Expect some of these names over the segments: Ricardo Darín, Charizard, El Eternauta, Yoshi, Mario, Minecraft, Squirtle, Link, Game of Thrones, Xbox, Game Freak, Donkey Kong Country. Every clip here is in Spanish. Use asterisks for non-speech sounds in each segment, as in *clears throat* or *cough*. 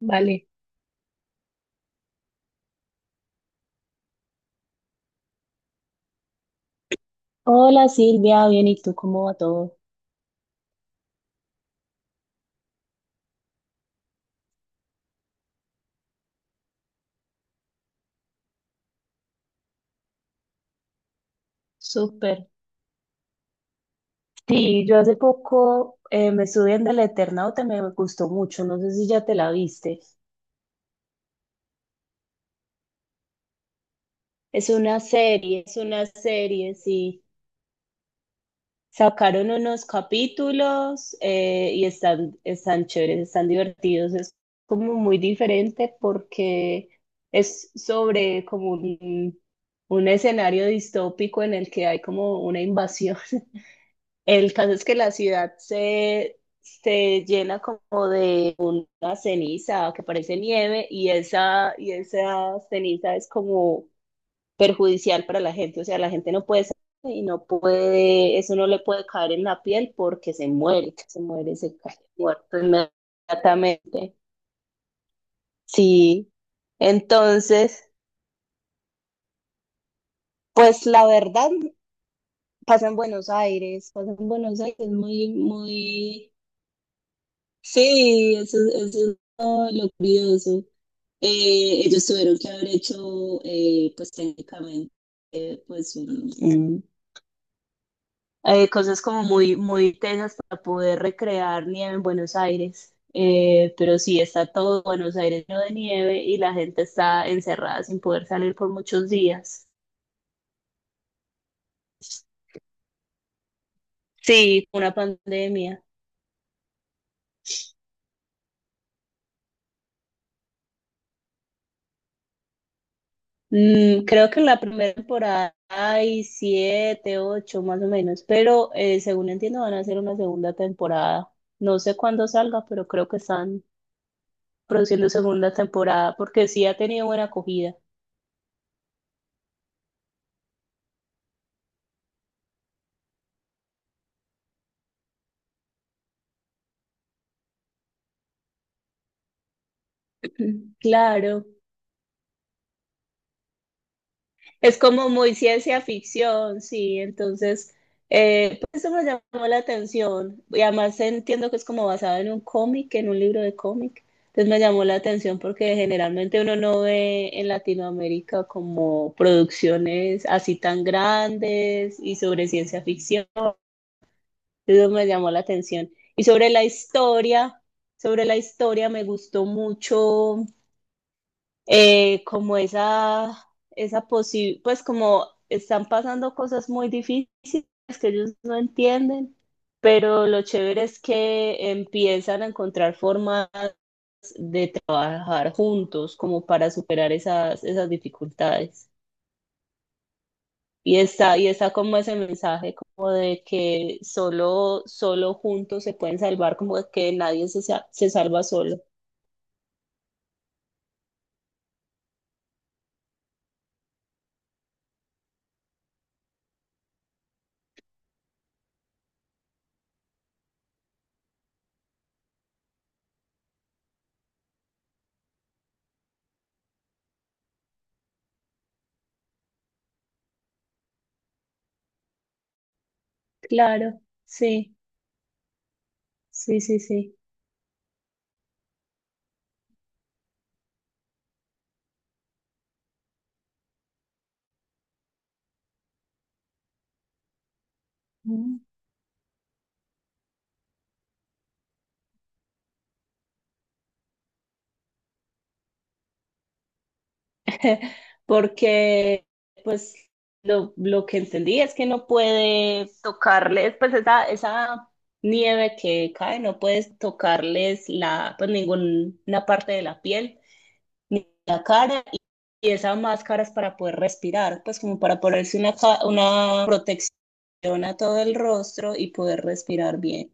Vale. Hola Silvia, bien, ¿y tú cómo va todo? Súper. Sí, yo hace poco me estuve viendo El Eternauta, me gustó mucho, no sé si ya te la viste. Es una serie, sí. Sacaron unos capítulos y están chéveres, están divertidos. Es como muy diferente porque es sobre como un escenario distópico en el que hay como una invasión. El caso es que la ciudad se llena como de una ceniza que parece nieve y esa ceniza es como perjudicial para la gente. O sea, la gente no puede salir y no puede, eso no le puede caer en la piel porque se muere, se muere, se cae muerto inmediatamente. Sí, entonces, pues la verdad, pasa en Buenos Aires, pasa en Buenos Aires muy, muy. Sí, eso, es, eso es lo curioso. Ellos tuvieron que haber hecho, pues técnicamente, eh, pues un- un- cosas como muy, muy tensas para poder recrear nieve en Buenos Aires. Pero sí, está todo Buenos Aires lleno de nieve y la gente está encerrada sin poder salir por muchos días. Sí, una pandemia. Mm, creo que en la primera temporada hay siete, ocho más o menos, pero según entiendo van a hacer una segunda temporada. No sé cuándo salga, pero creo que están produciendo segunda temporada porque sí ha tenido buena acogida. *clears throat* Claro. Es como muy ciencia ficción, sí, entonces pues eso me llamó la atención y además entiendo que es como basado en un cómic, en un libro de cómic, entonces me llamó la atención porque generalmente uno no ve en Latinoamérica como producciones así tan grandes y sobre ciencia ficción, eso me llamó la atención. Y sobre la historia me gustó mucho, como esa posibilidad, pues como están pasando cosas muy difíciles que ellos no entienden, pero lo chévere es que empiezan a encontrar formas de trabajar juntos como para superar esas dificultades. Y está como ese mensaje como de que solo, solo juntos se pueden salvar, como de que nadie se, sa- se salva solo. Claro, sí, sí, sí, sí. *laughs* Porque pues lo que entendí es que no puede tocarles, pues esa nieve que cae, no puedes tocarles la, pues ninguna parte de la piel, ni la cara, y esa máscara es para poder respirar, pues como para ponerse una protección a todo el rostro y poder respirar bien.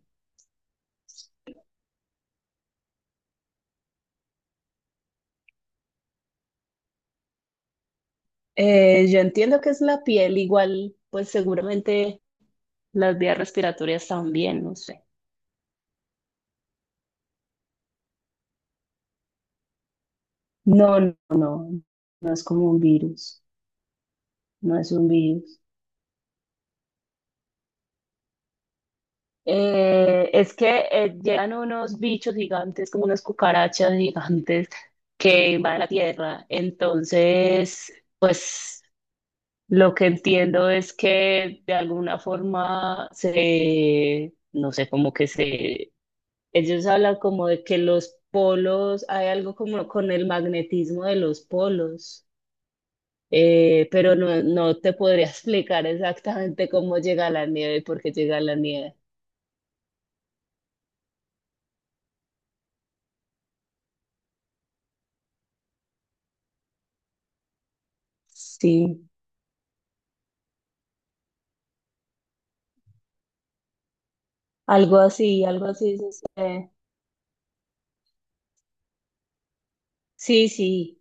Yo entiendo que es la piel, igual, pues seguramente las vías respiratorias también, no sé. No, no, no, no es como un virus, no es un virus. Es que llegan unos bichos gigantes, como unas cucarachas gigantes que van a la Tierra. Entonces, pues lo que entiendo es que de alguna forma se, no sé, como que se, ellos hablan como de que los polos, hay algo como con el magnetismo de los polos. Pero no, no te podría *laughs* explicar exactamente cómo llega la nieve y por qué llega la nieve. Sí, algo así sucede. Sí, sí,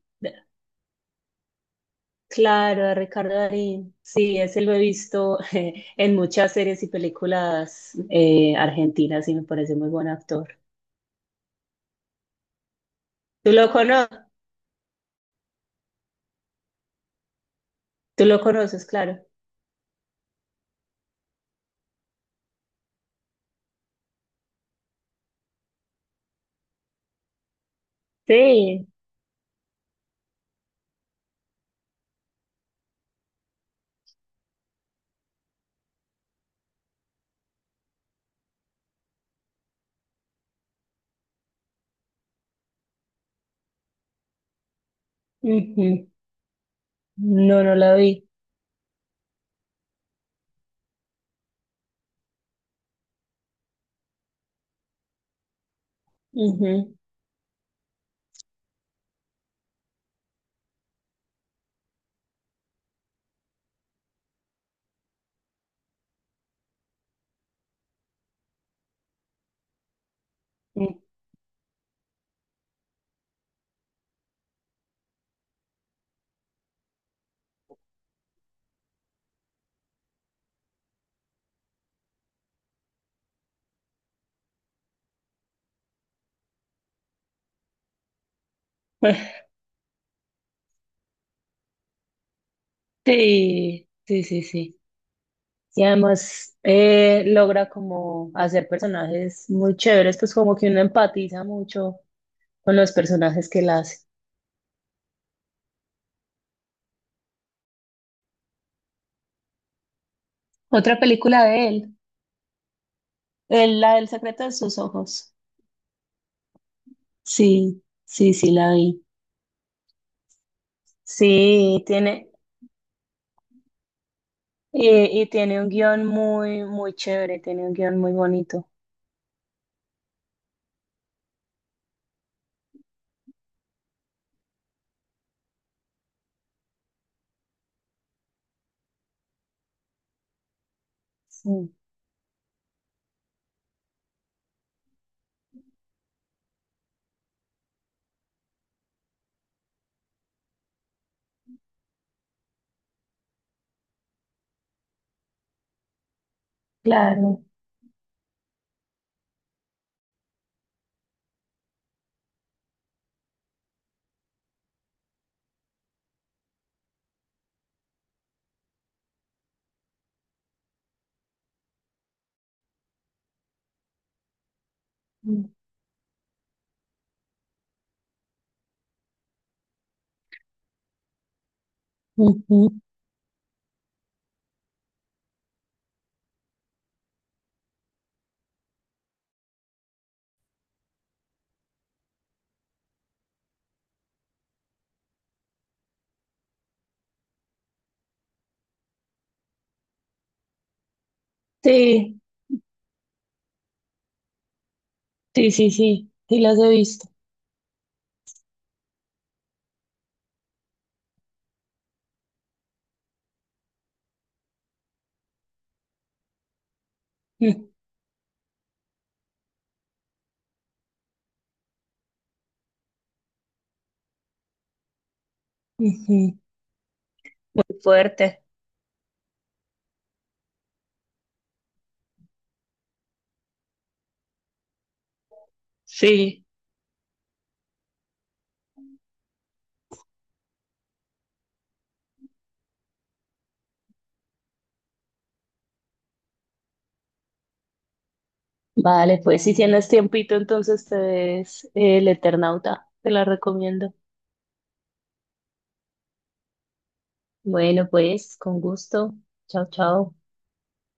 claro, a Ricardo Darín. Sí, ese lo he visto *laughs* en muchas series y películas argentinas y me parece muy buen actor. ¿Tú lo cono- Tú lo conoces, claro. Sí, ujú. No, no la vi. Ujú. *laughs* Sí, sí, sí, sí. Y además logra como hacer personajes muy chéveres, pues como que uno empatiza mucho con los personajes que él hace. Otra película de él, la del secreto de sus ojos. Sí, sí, sí, la vi. Sí, tiene, y, y tiene un guión muy, muy chévere, tiene un guión muy bonito. Sí, claro. Mm. Ujú. Sí, sí, sí, sí, sí las he visto. Mm. Ujú. Muy fuerte. Sí. Vale, pues si tienes tiempito, entonces te ves El Eternauta. Te la recomiendo. Bueno, pues con gusto. Chao, chao.